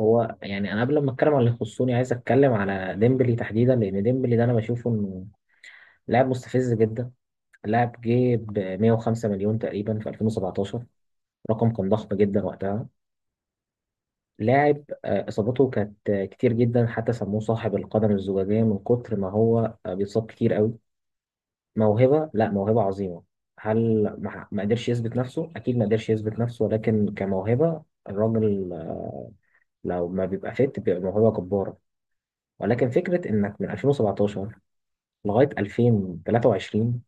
هو يعني انا قبل ما اتكلم على اللي يخصني عايز اتكلم على ديمبلي تحديدا، لان ديمبلي ده انا بشوفه انه لاعب مستفز جدا. لاعب جه ب 105 مليون تقريبا في 2017، رقم كان ضخم جدا وقتها. لاعب، اصاباته كانت كتير جدا، حتى سموه صاحب القدم الزجاجيه من كتر ما هو بيتصاب كتير قوي. موهبه، لا، موهبه عظيمه. هل ما قدرش يثبت نفسه؟ اكيد ما قدرش يثبت نفسه، ولكن كموهبه الراجل لو ما بيبقى فت بيبقى موهبه جباره. ولكن فكرة إنك من 2017 لغايه 2023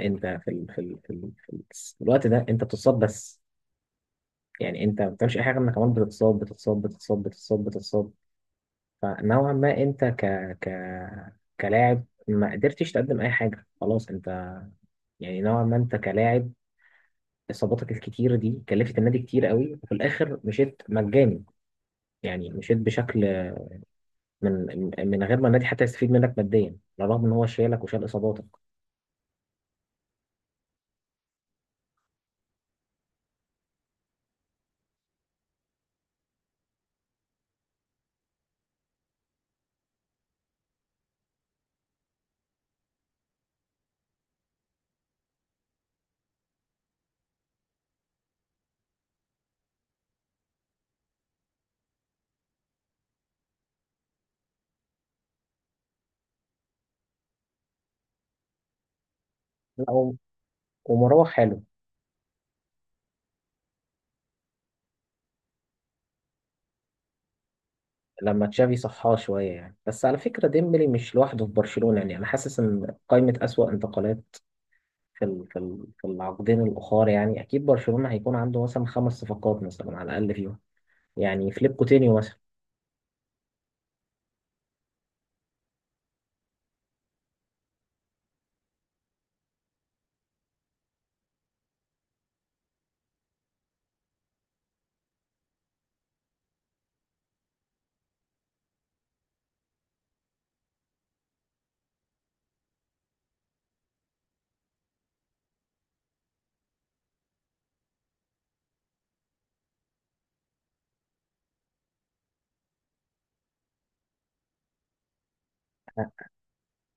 انت في الوقت ده انت بتتصاب بس. يعني انت ما بتعملش اي حاجه، انك كمان بتتصاب بتتصاب بتتصاب بتتصاب بتتصاب. فنوعا ما انت ك ك كلاعب ما قدرتش تقدم اي حاجه، خلاص انت، يعني نوعا ما انت كلاعب، اصاباتك الكتيره دي كلفت النادي كتير قوي، وفي الاخر مشيت مجاني. يعني مشيت بشكل من من غير ما النادي حتى يستفيد منك ماديا، على الرغم ان هو شايلك وشال اصاباتك. لا، ومروح حاله. لما تشافي صحاه شوية يعني، بس على فكرة ديمبلي مش لوحده في برشلونة، يعني أنا حاسس إن قائمة أسوأ انتقالات في العقدين الأخر، يعني أكيد برشلونة هيكون عنده مثلا خمس صفقات مثلا على الأقل فيهم. يعني فليب كوتينيو مثلا.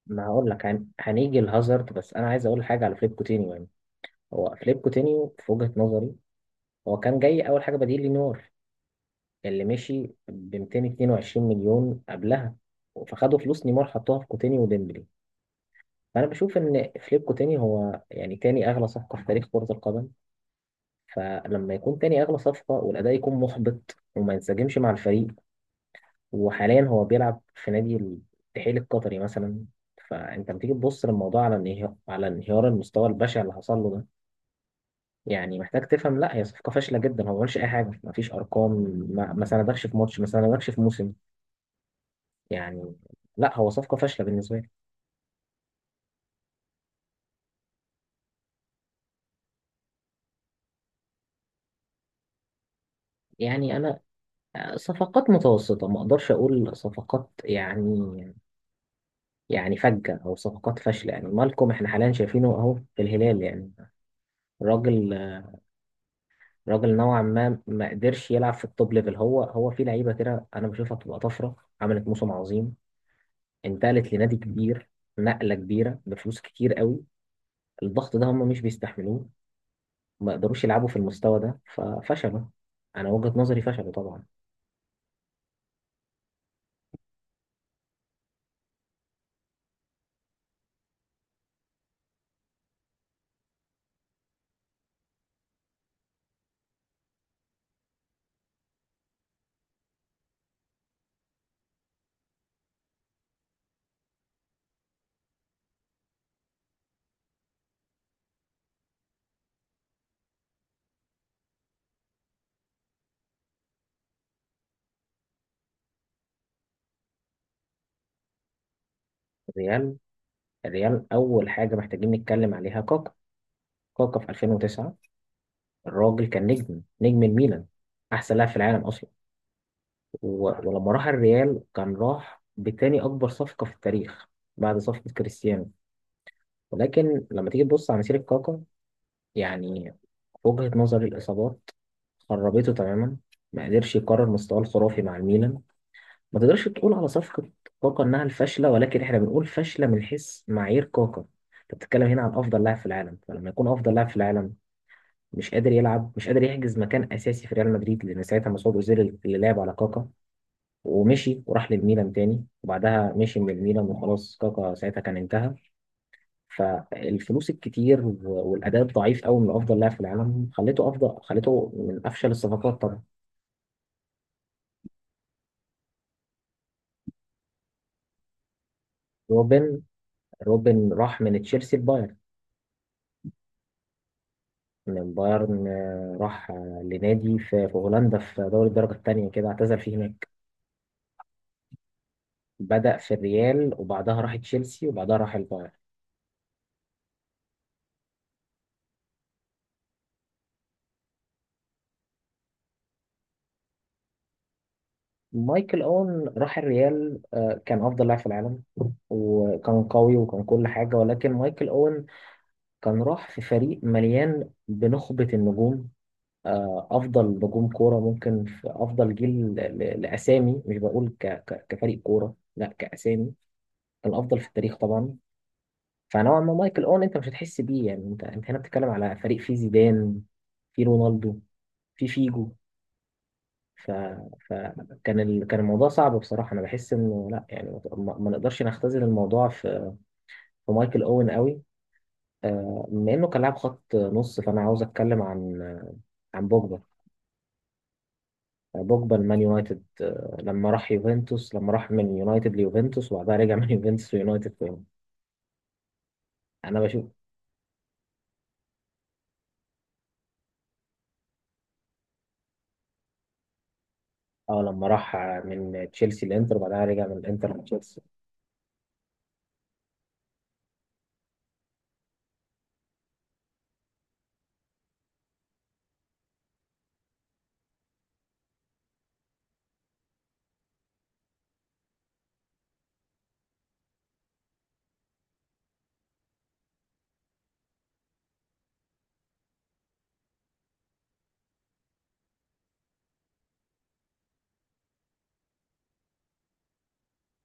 ما هقول لك، هنيجي لهازارد، بس أنا عايز أقول حاجة على فليب كوتينيو يعني. هو فليب كوتينيو في وجهة نظري، هو كان جاي أول حاجة بديل لنيمار اللي مشي ب 222 مليون قبلها، فخدوا فلوس نيمار حطوها في كوتينيو وديمبلي. فأنا بشوف إن فليب كوتيني هو يعني تاني أغلى صفقة في تاريخ كرة القدم. فلما يكون تاني أغلى صفقة والأداء يكون محبط وما ينسجمش مع الفريق، وحاليا هو بيلعب في نادي الاتحاد القطري مثلا، فأنت لما تيجي تبص للموضوع على انهيار، على انهيار المستوى البشع اللي حصل له ده، يعني محتاج تفهم. لا، هي صفقة فاشلة جدا، هو ما عملش أي حاجة، ما فيش أرقام، ما سندكش في ماتش، ما سندكش في موسم، يعني. لا، هو صفقة فاشلة بالنسبة لي. يعني أنا صفقات متوسطة، ما أقدرش أقول صفقات يعني، يعني فجة أو صفقات فاشلة، يعني مالكم إحنا حاليا شايفينه أهو في الهلال، يعني راجل، راجل نوعا ما ما قدرش يلعب في التوب ليفل، هو هو في لعيبة كده أنا بشوفها بتبقى طفرة. عملت موسم عظيم، انتقلت لنادي كبير، نقلة كبيرة بفلوس كتير قوي، الضغط ده هم مش بيستحملوه، ما يقدروش يلعبوا في المستوى ده ففشلوا. أنا وجهة نظري فشلوا طبعا. الريال. الريال أول حاجة محتاجين نتكلم عليها كاكا. كاكا في 2009، الراجل كان نجم، نجم الميلان، أحسن لاعب في العالم. ولما راح الريال كان راح بتاني أكبر صفقة في التاريخ بعد صفقة كريستيانو. ولكن لما تيجي تبص على مسيرة كاكا، يعني في وجهة نظري الإصابات خربته تماما، ما قدرش يكرر مستواه الخرافي مع الميلان. ما تقدرش تقول على صفقة كاكا إنها الفاشلة، ولكن إحنا بنقول فاشلة من حيث معايير كاكا. أنت بتتكلم هنا عن أفضل لاعب في العالم، فلما يكون أفضل لاعب في العالم مش قادر يلعب، مش قادر يحجز مكان أساسي في ريال مدريد، لأن ساعتها مسعود أوزيل اللي لعب على كاكا، ومشي وراح للميلان تاني، وبعدها مشي من الميلان، وخلاص كاكا ساعتها كان انتهى. فالفلوس الكتير والاداء الضعيف قوي من افضل لاعب في العالم خليته خليته من افشل الصفقات طبعا. روبن. روبن راح من تشيلسي لبايرن. من بايرن راح لنادي في هولندا في دوري الدرجه الثانيه كده، اعتزل فيه هناك. بدأ في الريال وبعدها راح تشيلسي وبعدها راح البايرن. مايكل أون راح الريال، كان أفضل لاعب في العالم، وكان قوي وكان كل حاجة، ولكن مايكل أون كان راح في فريق مليان بنخبة النجوم، أفضل نجوم كورة ممكن في أفضل جيل، لأسامي، مش بقول كفريق كورة، لا، كأسامي كان الأفضل في التاريخ طبعا. فنوعا ما مايكل أون أنت مش هتحس بيه، يعني أنت هنا بتتكلم على فريق فيه زيدان، فيه رونالدو، فيه فيجو، ف... كان الموضوع صعب بصراحة. أنا بحس إنه لا، يعني ما نقدرش نختزل الموضوع في مايكل أوين قوي. بما إنه كان لاعب خط نص، فأنا عاوز أتكلم عن بوجبا. بوجبا المان يونايتد، لما راح يوفنتوس، لما راح من يونايتد ليوفنتوس وبعدها رجع من يوفنتوس ليونايتد تاني. أنا بشوف، اه، لما راح من تشيلسي لانتر وبعدها رجع من الانتر لتشيلسي.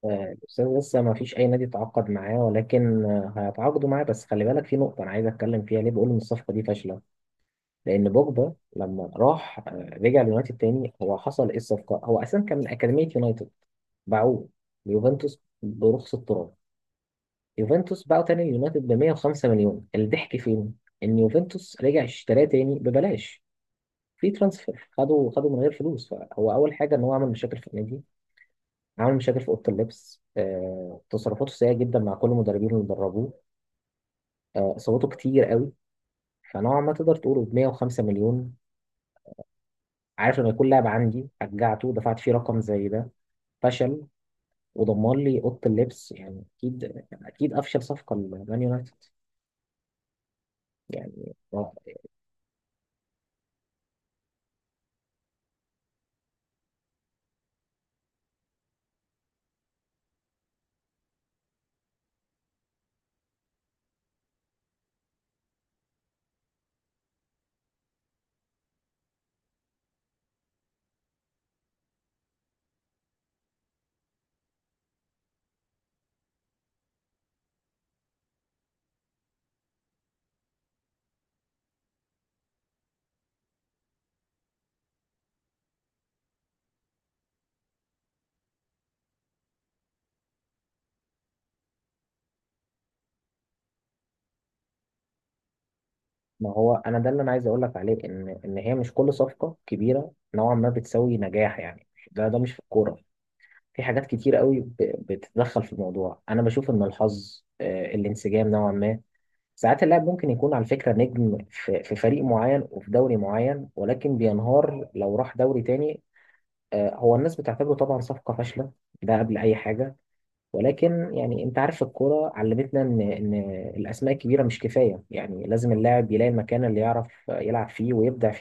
الأستاذ لسه ما فيش اي نادي تعاقد معاه، ولكن هيتعاقدوا معاه، بس خلي بالك في نقطه انا عايز اتكلم فيها ليه بقول ان الصفقه دي فاشله. لان بوجبا لما راح، رجع اليونايتد تاني، هو حصل ايه الصفقه؟ هو اساسا كان من اكاديميه يونايتد، باعوه ليوفنتوس برخص التراب. يوفنتوس باعوا تاني اليونايتد ب 105 مليون. الضحك فين؟ ان يوفنتوس رجع اشتراه تاني ببلاش، في ترانسفير، خدوا خدوا من غير فلوس. فهو اول حاجه ان هو عمل مشاكل في النادي، عمل مشاكل في اوضه اللبس، تصرفاته سيئه جدا مع كل المدربين اللي دربوه، اصاباته كتير قوي. فنوعا ما تقدر تقول ب 105 مليون، عارف، لما يكون لاعب عندي شجعته دفعت فيه رقم زي ده، فشل، ودمر لي اوضه اللبس، يعني اكيد اكيد افشل صفقه لمان يونايتد، يعني، ما هو انا ده اللي انا عايز اقول لك عليه، ان هي مش كل صفقه كبيره نوعا ما بتساوي نجاح، يعني ده مش في الكوره. في حاجات كتير قوي بتتدخل في الموضوع، انا بشوف ان الحظ، الانسجام، نوعا ما ساعات اللاعب ممكن يكون على فكرة نجم في فريق معين وفي دوري معين، ولكن بينهار لو راح دوري تاني. هو الناس بتعتبره طبعا صفقة فاشلة، ده قبل أي حاجة، ولكن يعني أنت عارف الكورة علمتنا إن الأسماء الكبيرة مش كفاية، يعني لازم اللاعب يلاقي المكان اللي يعرف يلعب فيه ويبدع.